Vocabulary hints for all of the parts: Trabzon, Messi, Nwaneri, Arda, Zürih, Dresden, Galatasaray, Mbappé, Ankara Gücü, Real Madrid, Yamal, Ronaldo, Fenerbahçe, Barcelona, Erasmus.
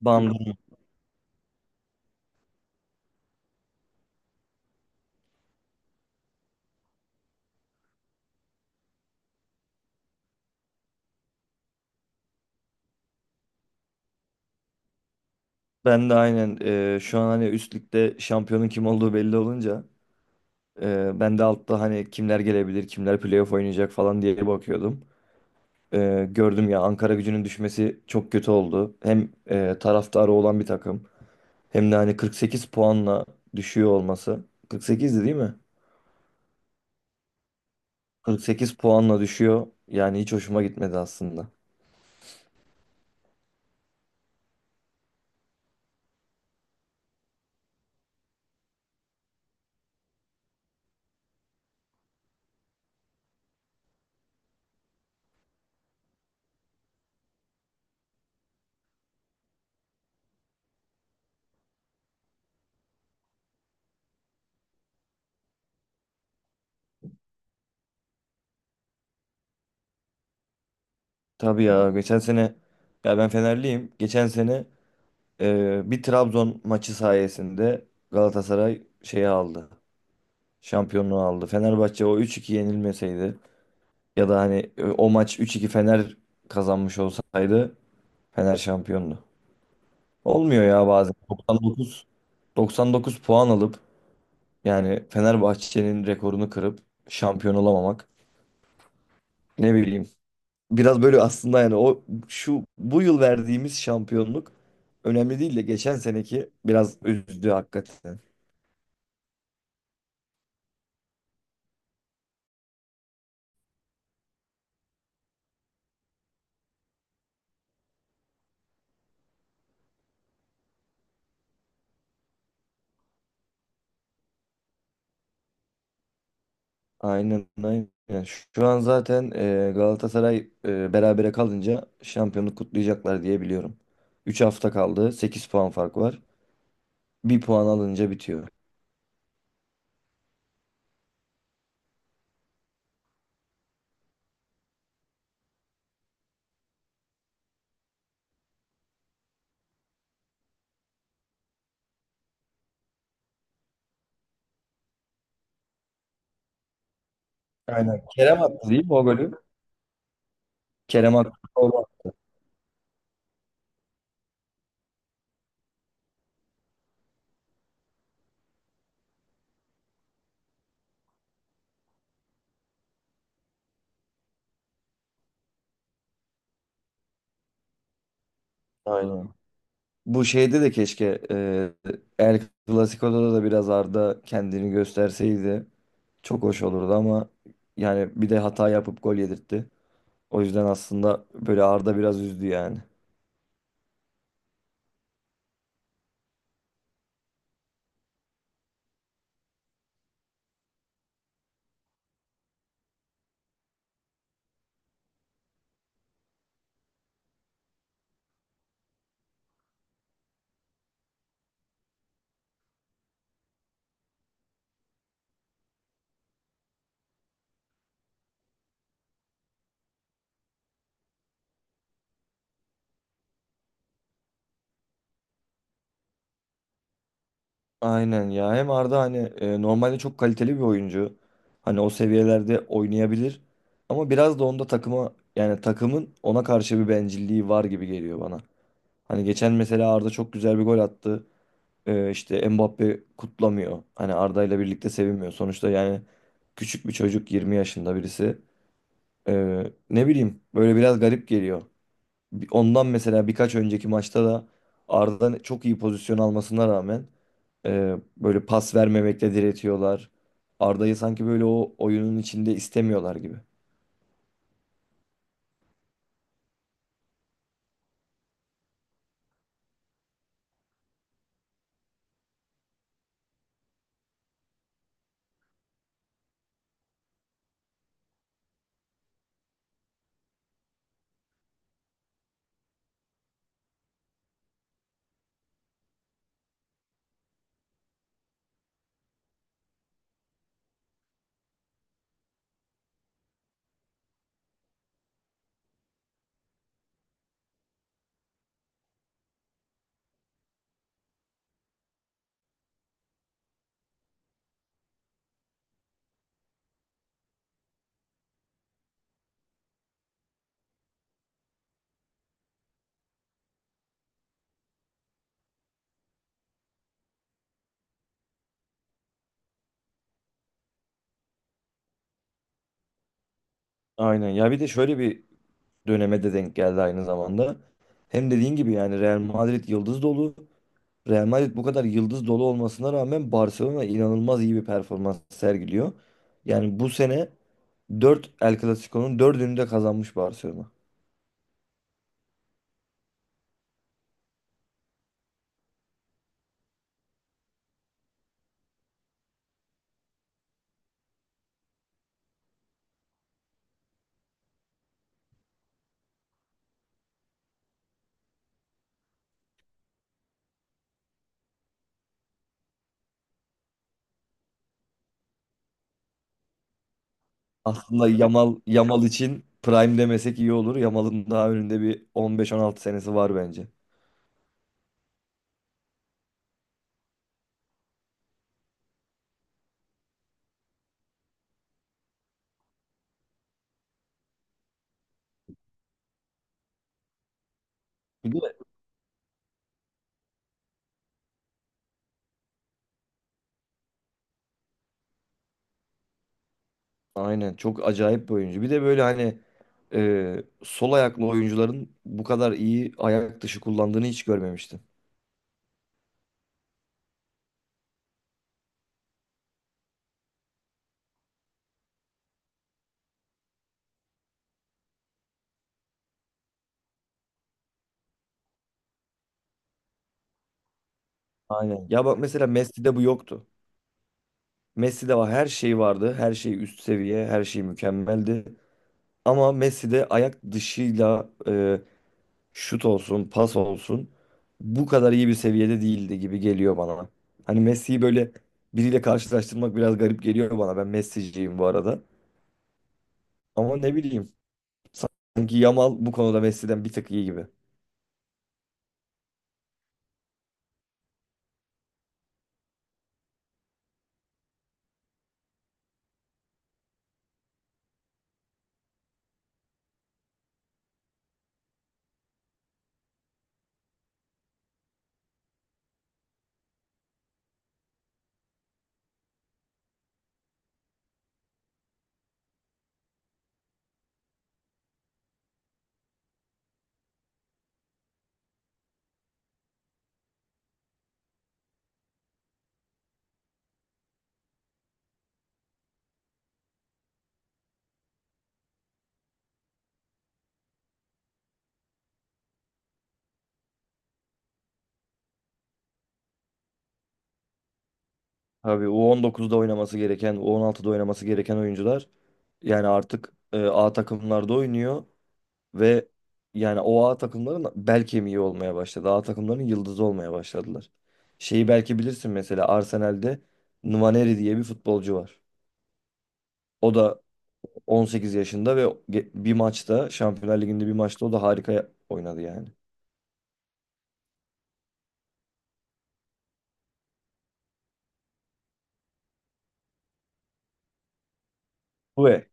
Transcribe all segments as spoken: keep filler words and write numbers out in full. Bandım. Ben de aynen e, şu an hani üst ligde şampiyonun kim olduğu belli olunca, e, ben de altta hani kimler gelebilir, kimler playoff oynayacak falan diye bakıyordum. E, gördüm ya, Ankara gücünün düşmesi çok kötü oldu. Hem e, taraftarı olan bir takım hem de hani kırk sekiz puanla düşüyor olması. kırk sekizdi değil mi? kırk sekiz puanla düşüyor. Yani hiç hoşuma gitmedi aslında. Tabii ya, geçen sene, ya ben Fenerliyim. Geçen sene Ee, bir Trabzon maçı sayesinde Galatasaray şeyi aldı. Şampiyonluğu aldı. Fenerbahçe o üç iki yenilmeseydi ya da hani e, o maç üç iki Fener kazanmış olsaydı, Fener şampiyondu. Olmuyor ya bazen. doksan dokuz doksan dokuz puan alıp yani Fenerbahçe'nin rekorunu kırıp şampiyon olamamak. Ne bileyim. Biraz böyle aslında yani o şu bu yıl verdiğimiz şampiyonluk önemli değil de geçen seneki biraz üzdü hakikaten. Aynen, aynen. Şu an zaten e, Galatasaray e, berabere kalınca şampiyonluk kutlayacaklar diye biliyorum. Üç hafta kaldı. Sekiz puan fark var. Bir puan alınca bitiyor. Aynen. Kerem attı değil mi o golü? Kerem attı o gol. Aynen. Bu şeyde de keşke e, El Clasico'da da biraz Arda kendini gösterseydi çok hoş olurdu ama yani bir de hata yapıp gol yedirtti. O yüzden aslında böyle Arda biraz üzdü yani. Aynen ya. Hem Arda hani e, normalde çok kaliteli bir oyuncu. Hani o seviyelerde oynayabilir. Ama biraz da onda takıma yani takımın ona karşı bir bencilliği var gibi geliyor bana. Hani geçen mesela Arda çok güzel bir gol attı. E, işte Mbappe kutlamıyor. Hani Arda ile birlikte sevinmiyor. Sonuçta yani küçük bir çocuk, yirmi yaşında birisi. E, Ne bileyim, böyle biraz garip geliyor. Bi- Ondan mesela birkaç önceki maçta da Arda çok iyi pozisyon almasına rağmen ee, böyle pas vermemekle diretiyorlar. Arda'yı sanki böyle o oyunun içinde istemiyorlar gibi. Aynen. Ya bir de şöyle bir döneme de denk geldi aynı zamanda. Hem dediğin gibi yani Real Madrid yıldız dolu. Real Madrid bu kadar yıldız dolu olmasına rağmen Barcelona inanılmaz iyi bir performans sergiliyor. Yani bu sene dört El Clasico'nun dördünü de kazanmış Barcelona. Aslında Yamal Yamal için prime demesek iyi olur. Yamal'ın daha önünde bir on beş on altı senesi var bence. Bir de aynen çok acayip bir oyuncu. Bir de böyle hani e, sol ayaklı oyuncuların bu kadar iyi ayak dışı kullandığını hiç görmemiştim. Aynen. Ya bak mesela Messi'de bu yoktu. Messi'de var, her şey vardı. Her şey üst seviye, her şey mükemmeldi. Ama Messi'de ayak dışıyla e, şut olsun, pas olsun bu kadar iyi bir seviyede değildi gibi geliyor bana. Hani Messi'yi böyle biriyle karşılaştırmak biraz garip geliyor bana. Ben Messi'ciyim bu arada. Ama ne bileyim, sanki Yamal bu konuda Messi'den bir tık iyi gibi. Abi U on dokuzda oynaması gereken, U on altıda oynaması gereken oyuncular yani artık e, A takımlarda oynuyor. Ve yani o A takımların bel kemiği olmaya başladı. A takımların yıldızı olmaya başladılar. Şeyi belki bilirsin, mesela Arsenal'de Nwaneri diye bir futbolcu var. O da on sekiz yaşında ve ge- bir maçta Şampiyonlar Ligi'nde bir maçta o da harika ya- oynadı yani. Ve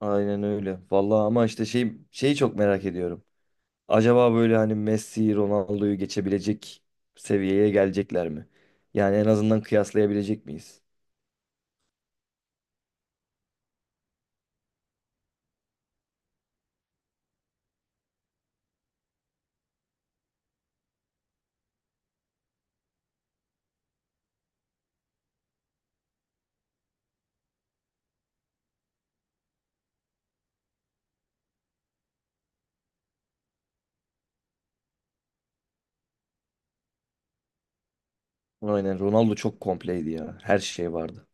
aynen öyle. Vallahi ama işte şey şeyi çok merak ediyorum. Acaba böyle hani Messi, Ronaldo'yu geçebilecek seviyeye gelecekler mi? Yani en azından kıyaslayabilecek miyiz? Aynen, Ronaldo çok kompleydi ya. Her şey vardı.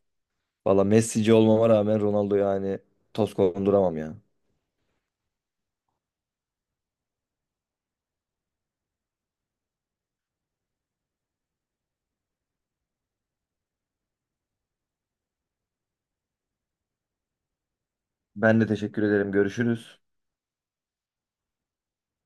Valla Messi'ci olmama rağmen Ronaldo yani toz konduramam ya. Ben de teşekkür ederim. Görüşürüz.